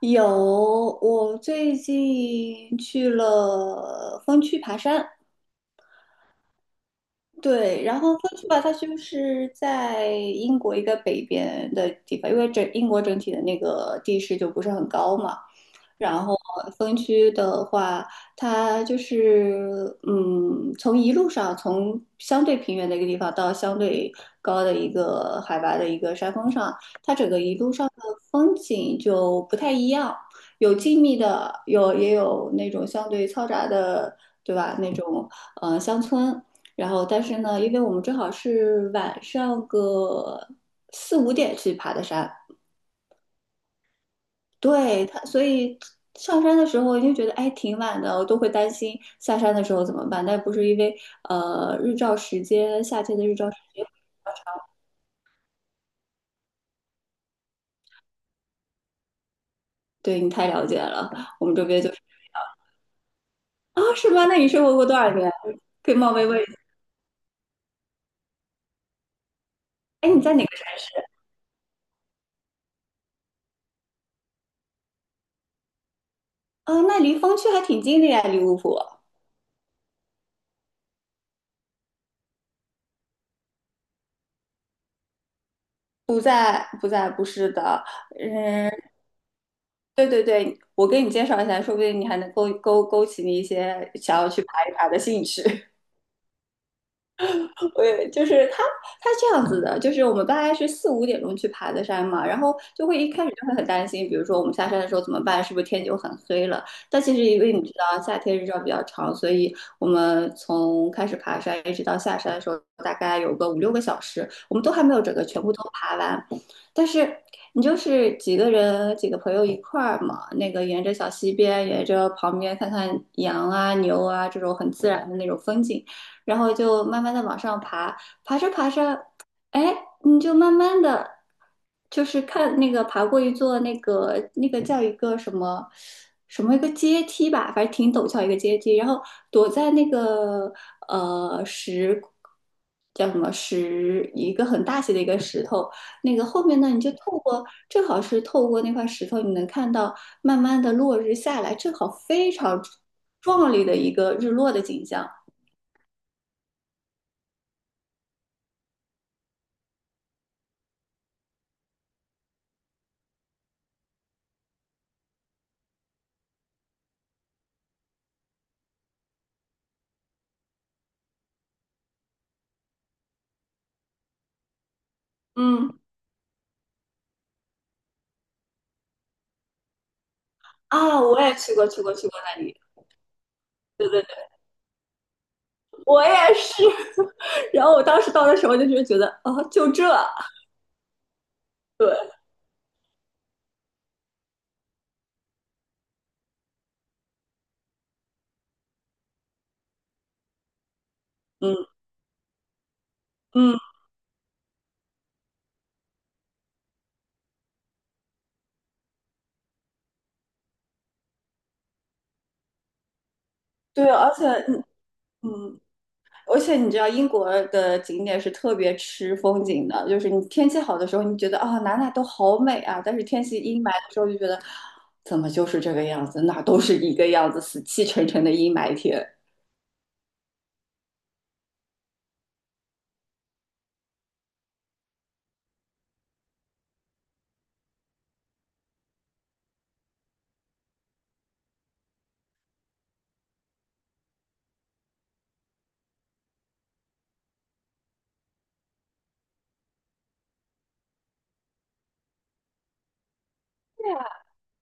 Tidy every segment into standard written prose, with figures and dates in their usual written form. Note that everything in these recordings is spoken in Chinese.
有，我最近去了峰区爬山，对，然后分区吧，它就是在英国一个北边的地方，因为整英国整体的那个地势就不是很高嘛。然后分区的话，它就是从一路上从相对平原的一个地方到相对高的一个海拔的一个山峰上，它整个一路上的风景就不太一样，有静谧的，也有那种相对嘈杂的，对吧？那种乡村。然后但是呢，因为我们正好是晚上个四五点去爬的山，对他，所以上山的时候就觉得哎挺晚的，我都会担心下山的时候怎么办。但不是因为日照时间，夏天的日照时间，对你太了解了，我们这边就是啊是吗？那你生活过多少年？可以冒昧问一下，哎你在哪个山？啊，那离峰区还挺近的呀，离芜湖。不在，不在，不是的，嗯，对对对，我给你介绍一下，说不定你还能勾勾勾起你一些想要去爬一爬的兴趣。对，就是他这样子的，就是我们大概是4、5点钟去爬的山嘛，然后就会一开始就会很担心，比如说我们下山的时候怎么办，是不是天就很黑了？但其实因为你知道夏天日照比较长，所以我们从开始爬山一直到下山的时候，大概有个5、6个小时，我们都还没有整个全部都爬完。但是你就是几个人几个朋友一块儿嘛，那个沿着小溪边，沿着旁边看看羊啊牛啊这种很自然的那种风景。然后就慢慢的往上爬，爬着爬着，哎，你就慢慢的，就是看那个爬过一座那个叫一个什么什么一个阶梯吧，反正挺陡峭一个阶梯，然后躲在那个石叫什么石一个很大些的一个石头，那个后面呢，你就透过正好是透过那块石头，你能看到慢慢的落日下来，正好非常壮丽的一个日落的景象，嗯。啊，我也去过，去过，去过那里。对对对，我也是。然后我当时到的时候，就是觉得，哦，就这，对，嗯嗯，对，而且，嗯，而且你知道，英国的景点是特别吃风景的，就是你天气好的时候，你觉得啊、哪哪都好美啊，但是天气阴霾的时候，就觉得怎么就是这个样子，哪都是一个样子，死气沉沉的阴霾天。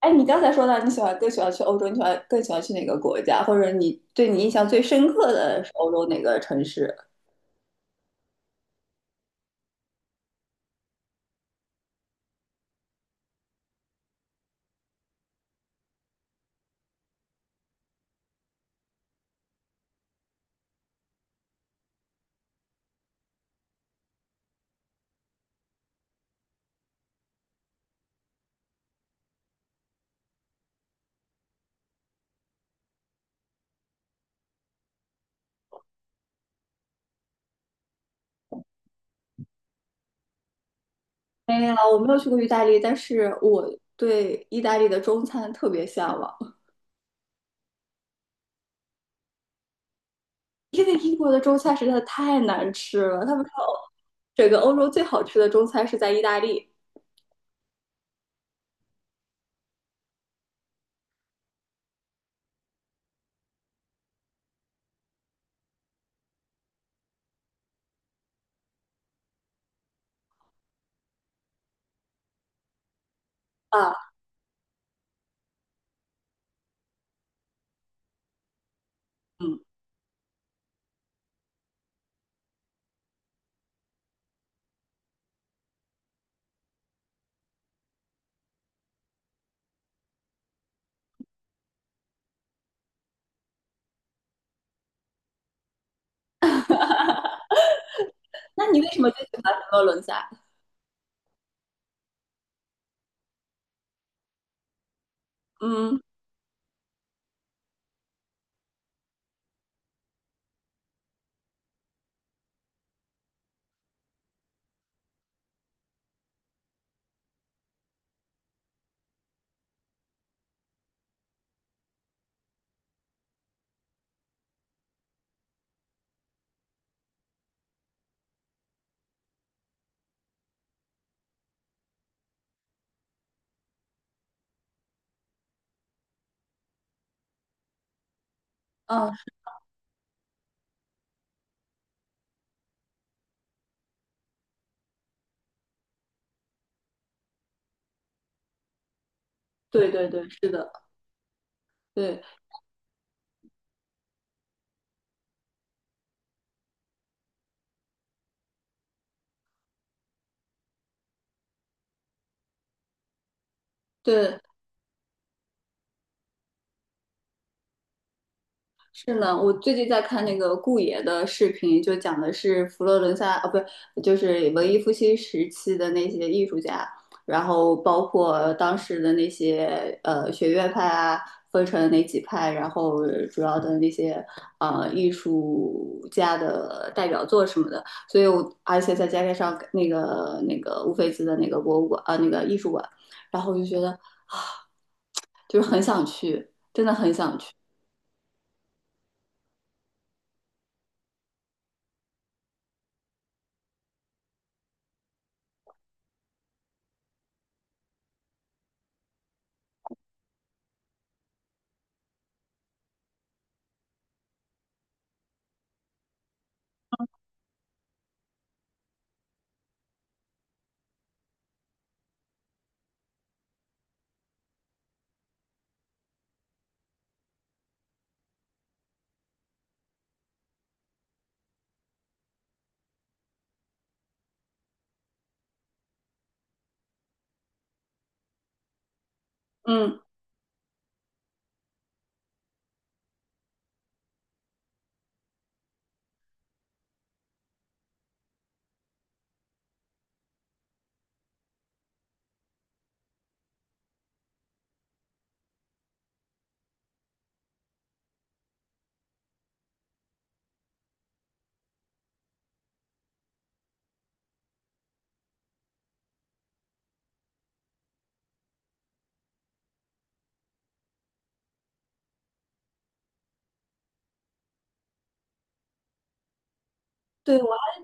哎，你刚才说到你喜欢更喜欢去欧洲，你喜欢更喜欢去哪个国家，或者你对你印象最深刻的是欧洲哪个城市？没有，我没有去过意大利，但是我对意大利的中餐特别向往，因为英国的中餐实在太难吃了。他们说欧整个欧洲最好吃的中餐是在意大利啊，嗯，那你为什么最喜欢佛罗伦萨？嗯嗯，对对对，是的，对对，是呢，我最近在看那个顾爷的视频，就讲的是佛罗伦萨啊，不是，就是文艺复兴时期的那些艺术家，然后包括当时的那些学院派啊，分成哪几派，然后主要的那些艺术家的代表作什么的，所以我而且再加上那个乌菲兹的那个博物馆啊，那个艺术馆，然后我就觉得就是很想去，真的很想去，嗯，对，我还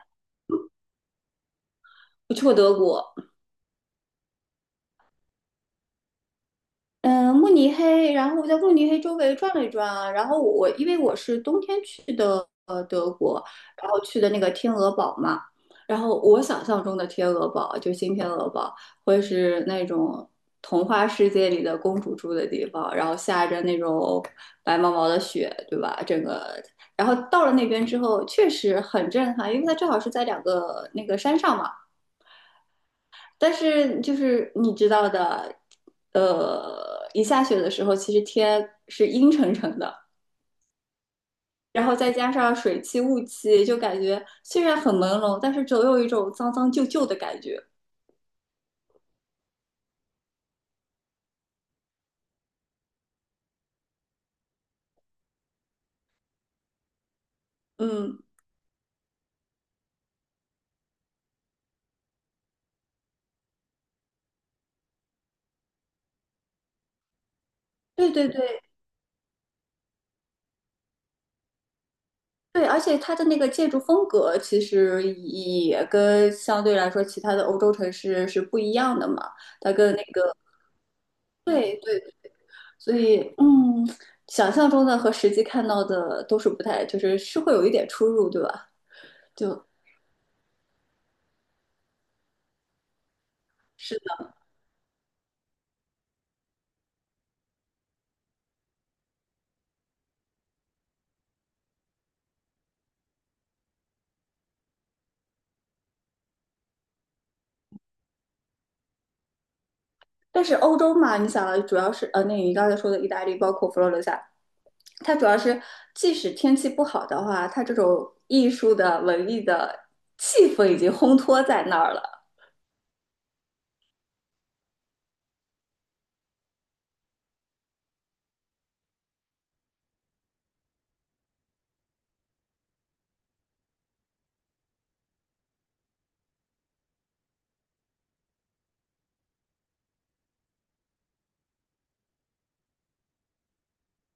没去过德国。嗯，慕尼黑，然后我在慕尼黑周围转了一转啊，然后我因为我是冬天去的德国，然后去的那个天鹅堡嘛，然后我想象中的天鹅堡就新天鹅堡会是那种童话世界里的公主住的地方，然后下着那种白毛毛的雪，对吧？整个，然后到了那边之后确实很震撼，因为它正好是在两个那个山上嘛。但是就是你知道的，一下雪的时候，其实天是阴沉沉的，然后再加上水汽、雾气，就感觉虽然很朦胧，但是总有一种脏脏旧旧的感觉。嗯，对对对对，而且它的那个建筑风格其实也跟相对来说其他的欧洲城市是不一样的嘛，它跟那个对对，所以想象中的和实际看到的都是不太，就是会有一点出入，对吧？就是的，但是欧洲嘛，你想啊，主要是呃，那你刚才说的意大利，包括佛罗伦萨，它主要是即使天气不好的话，它这种艺术的、文艺的气氛已经烘托在那儿了。